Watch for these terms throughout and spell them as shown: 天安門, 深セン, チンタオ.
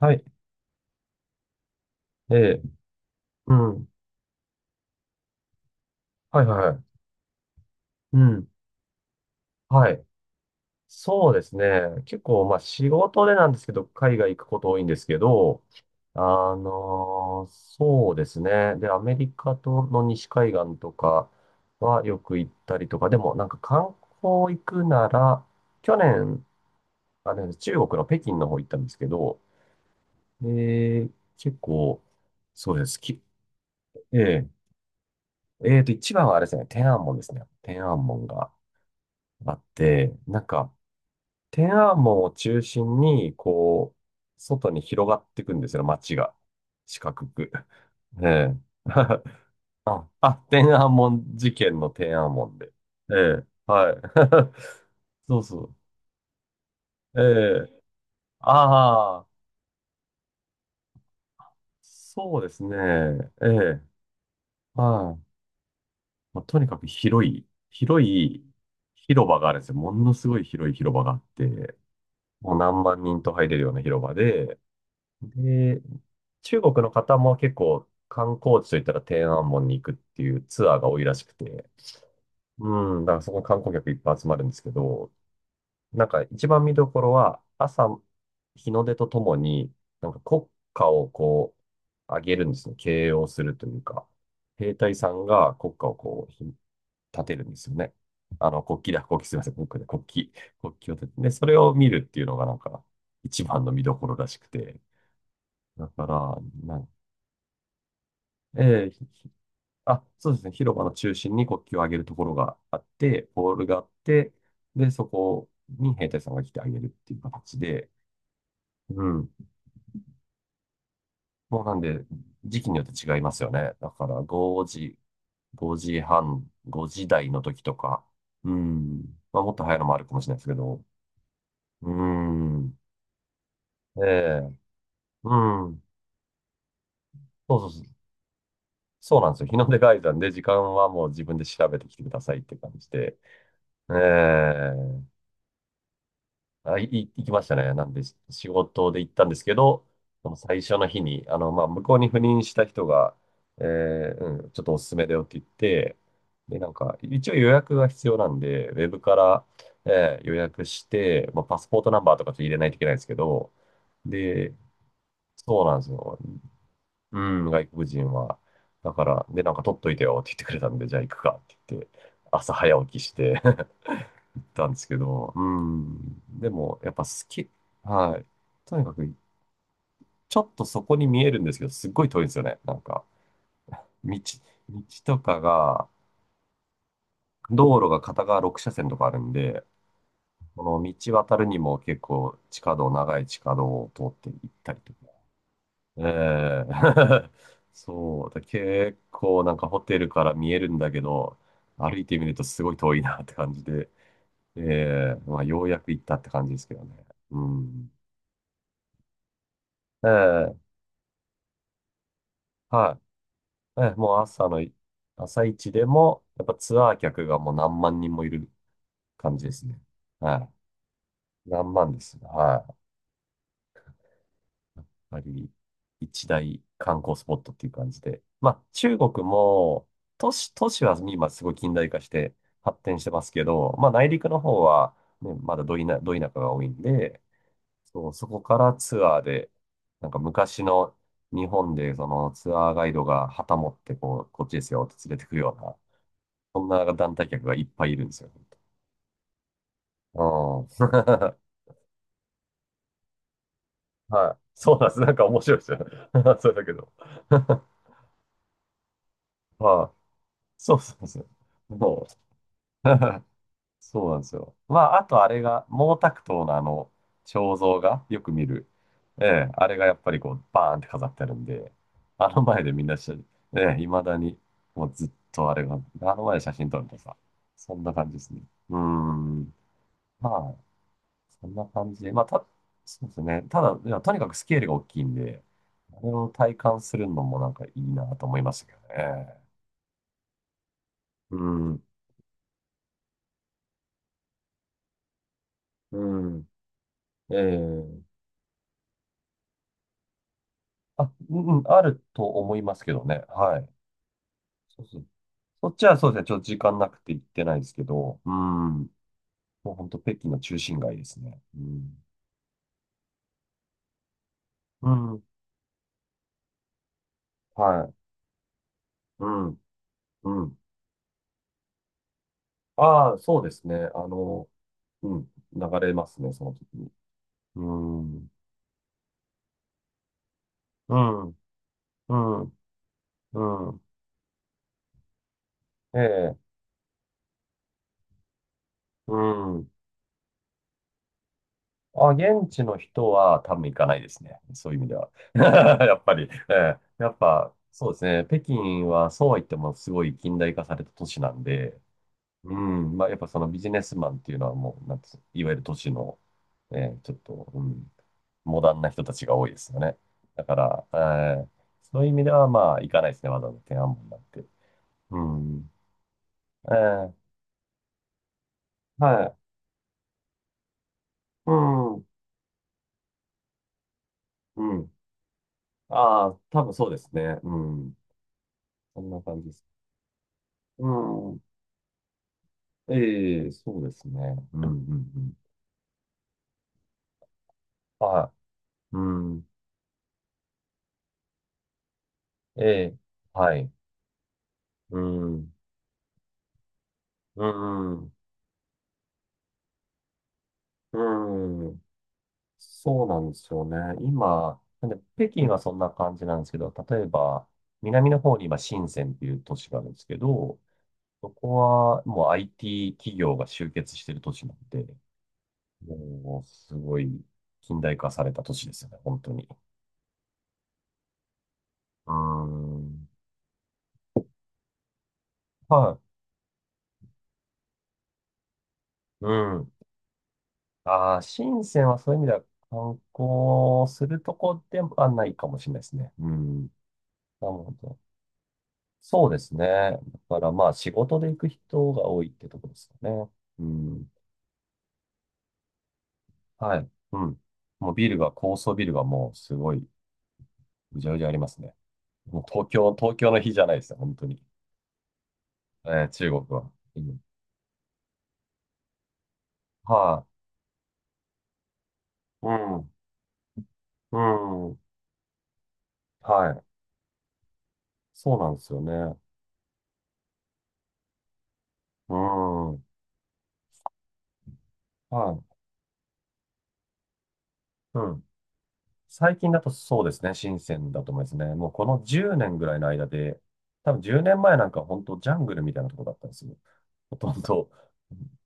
はい。ええ。うん。はいはいはい。うん。はい。そうですね。結構、まあ仕事でなんですけど、海外行くこと多いんですけど、あそうですね。で、アメリカとの西海岸とかはよく行ったりとか、でもなんか観光行くなら、去年、あれ、中国の北京の方行ったんですけど、え結構、そうです。き、えええーと、一番はあれですね、天安門ですね。天安門が。あって、なんか、天安門を中心に、こう、外に広がっていくんですよ、街が。四角く。ええ。あ、天安門事件の天安門で。ええ、はい。そうそう。ええ、ああ、そうですね。ええ、はい。まあ、とにかく広い、広い広場があるんですよ。ものすごい広い広場があって、もう何万人と入れるような広場で、で、中国の方も結構観光地といったら天安門に行くっていうツアーが多いらしくて、うん、だからそこに観光客いっぱい集まるんですけど、なんか一番見どころは朝日の出とともに、なんか国歌をこう上げるんですね。掲揚するというか、兵隊さんが国歌をこう立てるんですよね。あの、国旗だ、国旗すいません、国旗だ、国旗、国旗を立てて、でそれを見るっていうのがなんか一番の見どころらしくて、だから、なんええひあ、そうですね。広場の中心に国旗を上げるところがあって、ポールがあって、で、そこに兵隊さんが来てあげるっていう形で、うん。もうなんで、時期によって違いますよね。だから、5時、5時半、5時台の時とか、うん。まあ、もっと早いのもあるかもしれないですけど、うん。ええうん。そうそうそう。そうなんですよ。日の出ガイドなんで、時間はもう自分で調べてきてくださいって感じで。ええ行きましたね。なんで、仕事で行ったんですけど、その最初の日に、まあ、向こうに赴任した人が、うん、ちょっとおすすめだよって言って、で、なんか、一応予約が必要なんで、ウェブから、予約して、まあ、パスポートナンバーとかちょっと入れないといけないんですけど、で、そうなんですよ。うん、外国人は。だから、なんか取っといてよって言ってくれたんで、じゃあ行くかって言って、朝早起きしてたんですけど、うん。でも、やっぱ好き。はい。とにかく、ちょっとそこに見えるんですけど、すっごい遠いんですよね。なんか、道、道とかが、道路が片側6車線とかあるんで、この道渡るにも結構地下道、長い地下道を通って行ったりとか。ええ そう。結構なんかホテルから見えるんだけど、歩いてみるとすごい遠いなって感じで、まあようやく行ったって感じですけどね。うん。ええはい。もう朝のい、朝一でも、やっぱツアー客がもう何万人もいる感じですね。はい。何万ですね。はい。やっぱり、一大観光スポットっていう感じで。まあ、中国も、都市は今すごい近代化して発展してますけど、まあ、内陸の方は、ね、まだど田舎が多いんで、そう、そこからツアーで、なんか昔の日本でそのツアーガイドが旗持ってこう、こっちですよって連れてくよそんな団体客がいっぱいいるんですよ。ああ。はい。そうなんです。なんか面白いですよ。それだけど。はい。そうそうですよ。もう そうなんですよ。まあ、あとあれが、毛沢東のあの、肖像がよく見る。ええ、あれがやっぱりこう、バーンって飾ってあるんで、あの前でみんなし、未だに、もうずっとあれが、あの前で写真撮るとさ、そんな感じですね。うーん。まあそんな感じで、まあ、そうですね。ただ、いやとにかくスケールが大きいんで、あれを体感するのもなんかいいなと思いましたけどね。うん。うん。ええうんうん、あると思いますけどね。はい。そうそう。そっちはそうですね。ちょっと時間なくて行ってないですけど、うん。もう本当北京の中心街ですね。うん。うん。はい。うん。うん。ああ、そうですね。うん。流れますね、その時に。うん。うん。うん。うん。ええ。うん。あ、現地の人は多分行かないですね。そういう意味では。やっぱり、ええ、やっぱ、そうですね。北京はそうは言ってもすごい近代化された都市なんで、うん。まあ、やっぱそのビジネスマンっていうのはもう、なんていうんですかいわゆる都市の、ちょっと、モダンな人たちが多いですよね。だから、ええ、そういう意味ではまあ、行かないですね。わざわざ天安門なんて。うん。ええ、はい。うん。うんああ、多分そうですね。うん。そんな感じです。うん。ええ、そうですね。うん、うん、うん。はい。うん。ええ、はい。うん。うん。うん。そうなんですよね。今、なんで北京はそんな感じなんですけど、例えば、南の方に今、深センっていう都市があるんですけど、そこはもう IT 企業が集結してる都市なんで、もう、すごい近代化された都市ですよね、本当に。うーん。はい。うん。ああ、深センはそういう意味では観光するとこではないかもしれないですね。うん。なるほど。そうですね。だからまあ仕事で行く人が多いってとこですかね。うん。はい。うん。もうビルが、高層ビルがもうすごい、うじゃうじゃありますね。もう東京の日じゃないですよ、本当に。中国は。うん。はい。うん。うん。はい。そうなんですよね。うん。はい。うん。最近だとそうですね、深センだと思いますね。もうこの10年ぐらいの間で、多分10年前なんか本当ジャングルみたいなとこだったんですよ。ほとんど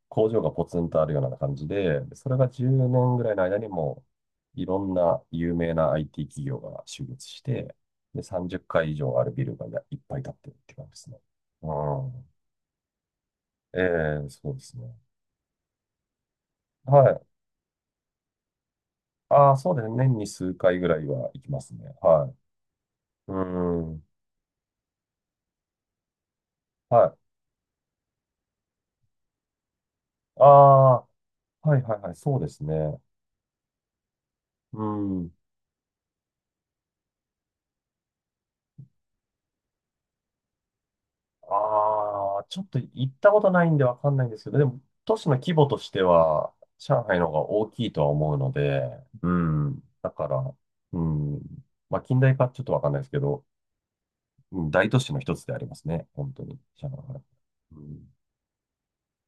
工場がポツンとあるような感じで、それが10年ぐらいの間にもういろんな有名な IT 企業が集結して、で、30階以上あるビルがいっぱい建ってるって感じですね。うん。えそうですね。はい。ああ、そうですね。年に数回ぐらいは行きますね。はい。うん。はい。あはいはいはい、そうですね。うん。ああ、ちょっと行ったことないんでわかんないんですけど、でも都市の規模としては、上海の方が大きいとは思うので、うん。だから、うん。まあ、近代化ちょっとわかんないですけど、うん、大都市の一つでありますね。本当に、上海は。うん。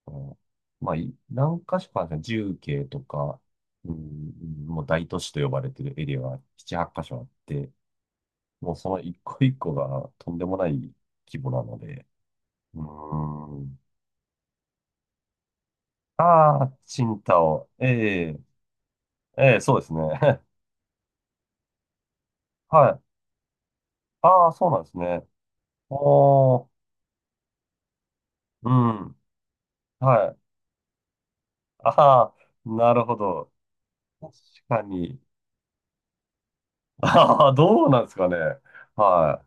うんまあ、何か所かあるんですね重慶とか、うん、もう大都市と呼ばれてるエリアが7、8箇所あって、もうその一個一個がとんでもない規模なので、うーん。ああ、チンタオ。ええ、ええ、そうですね。はい。ああ、そうなんですね。おー、うん。はい。ああ、なるほど。確かに。ああ、どうなんですかね。は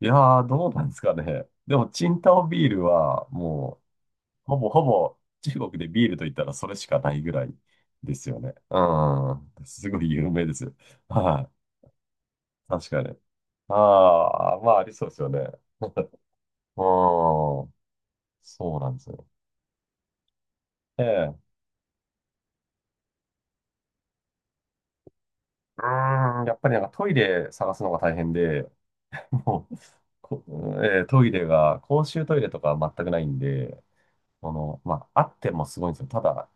い。いやー、どうなんですかね。でも、チンタオビールは、もう、ほぼほぼ中国でビールと言ったらそれしかないぐらいですよね。うん。すごい有名ですよ。はい。確かに。ああ、まあありそうですよね。うん。そうなんですよ。ええ。うーん。やっぱりなんかトイレ探すのが大変で、もう、こええトイレが、公衆トイレとかは全くないんで、この、まあ、あってもすごいんですよ。ただ、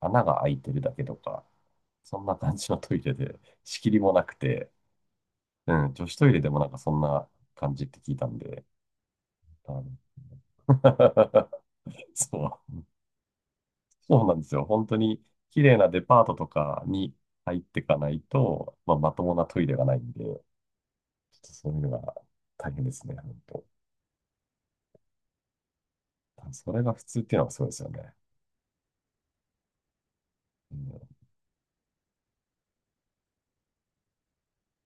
穴が開いてるだけとか、そんな感じのトイレで、仕切りもなくて、うん、女子トイレでもなんかそんな感じって聞いたんで、あの そう、そうなんですよ。本当に綺麗なデパートとかに入っていかないと、まあ、まともなトイレがないんで、ちょっとそういうのが大変ですね、本当。それが普通っていうのがすごいですよね。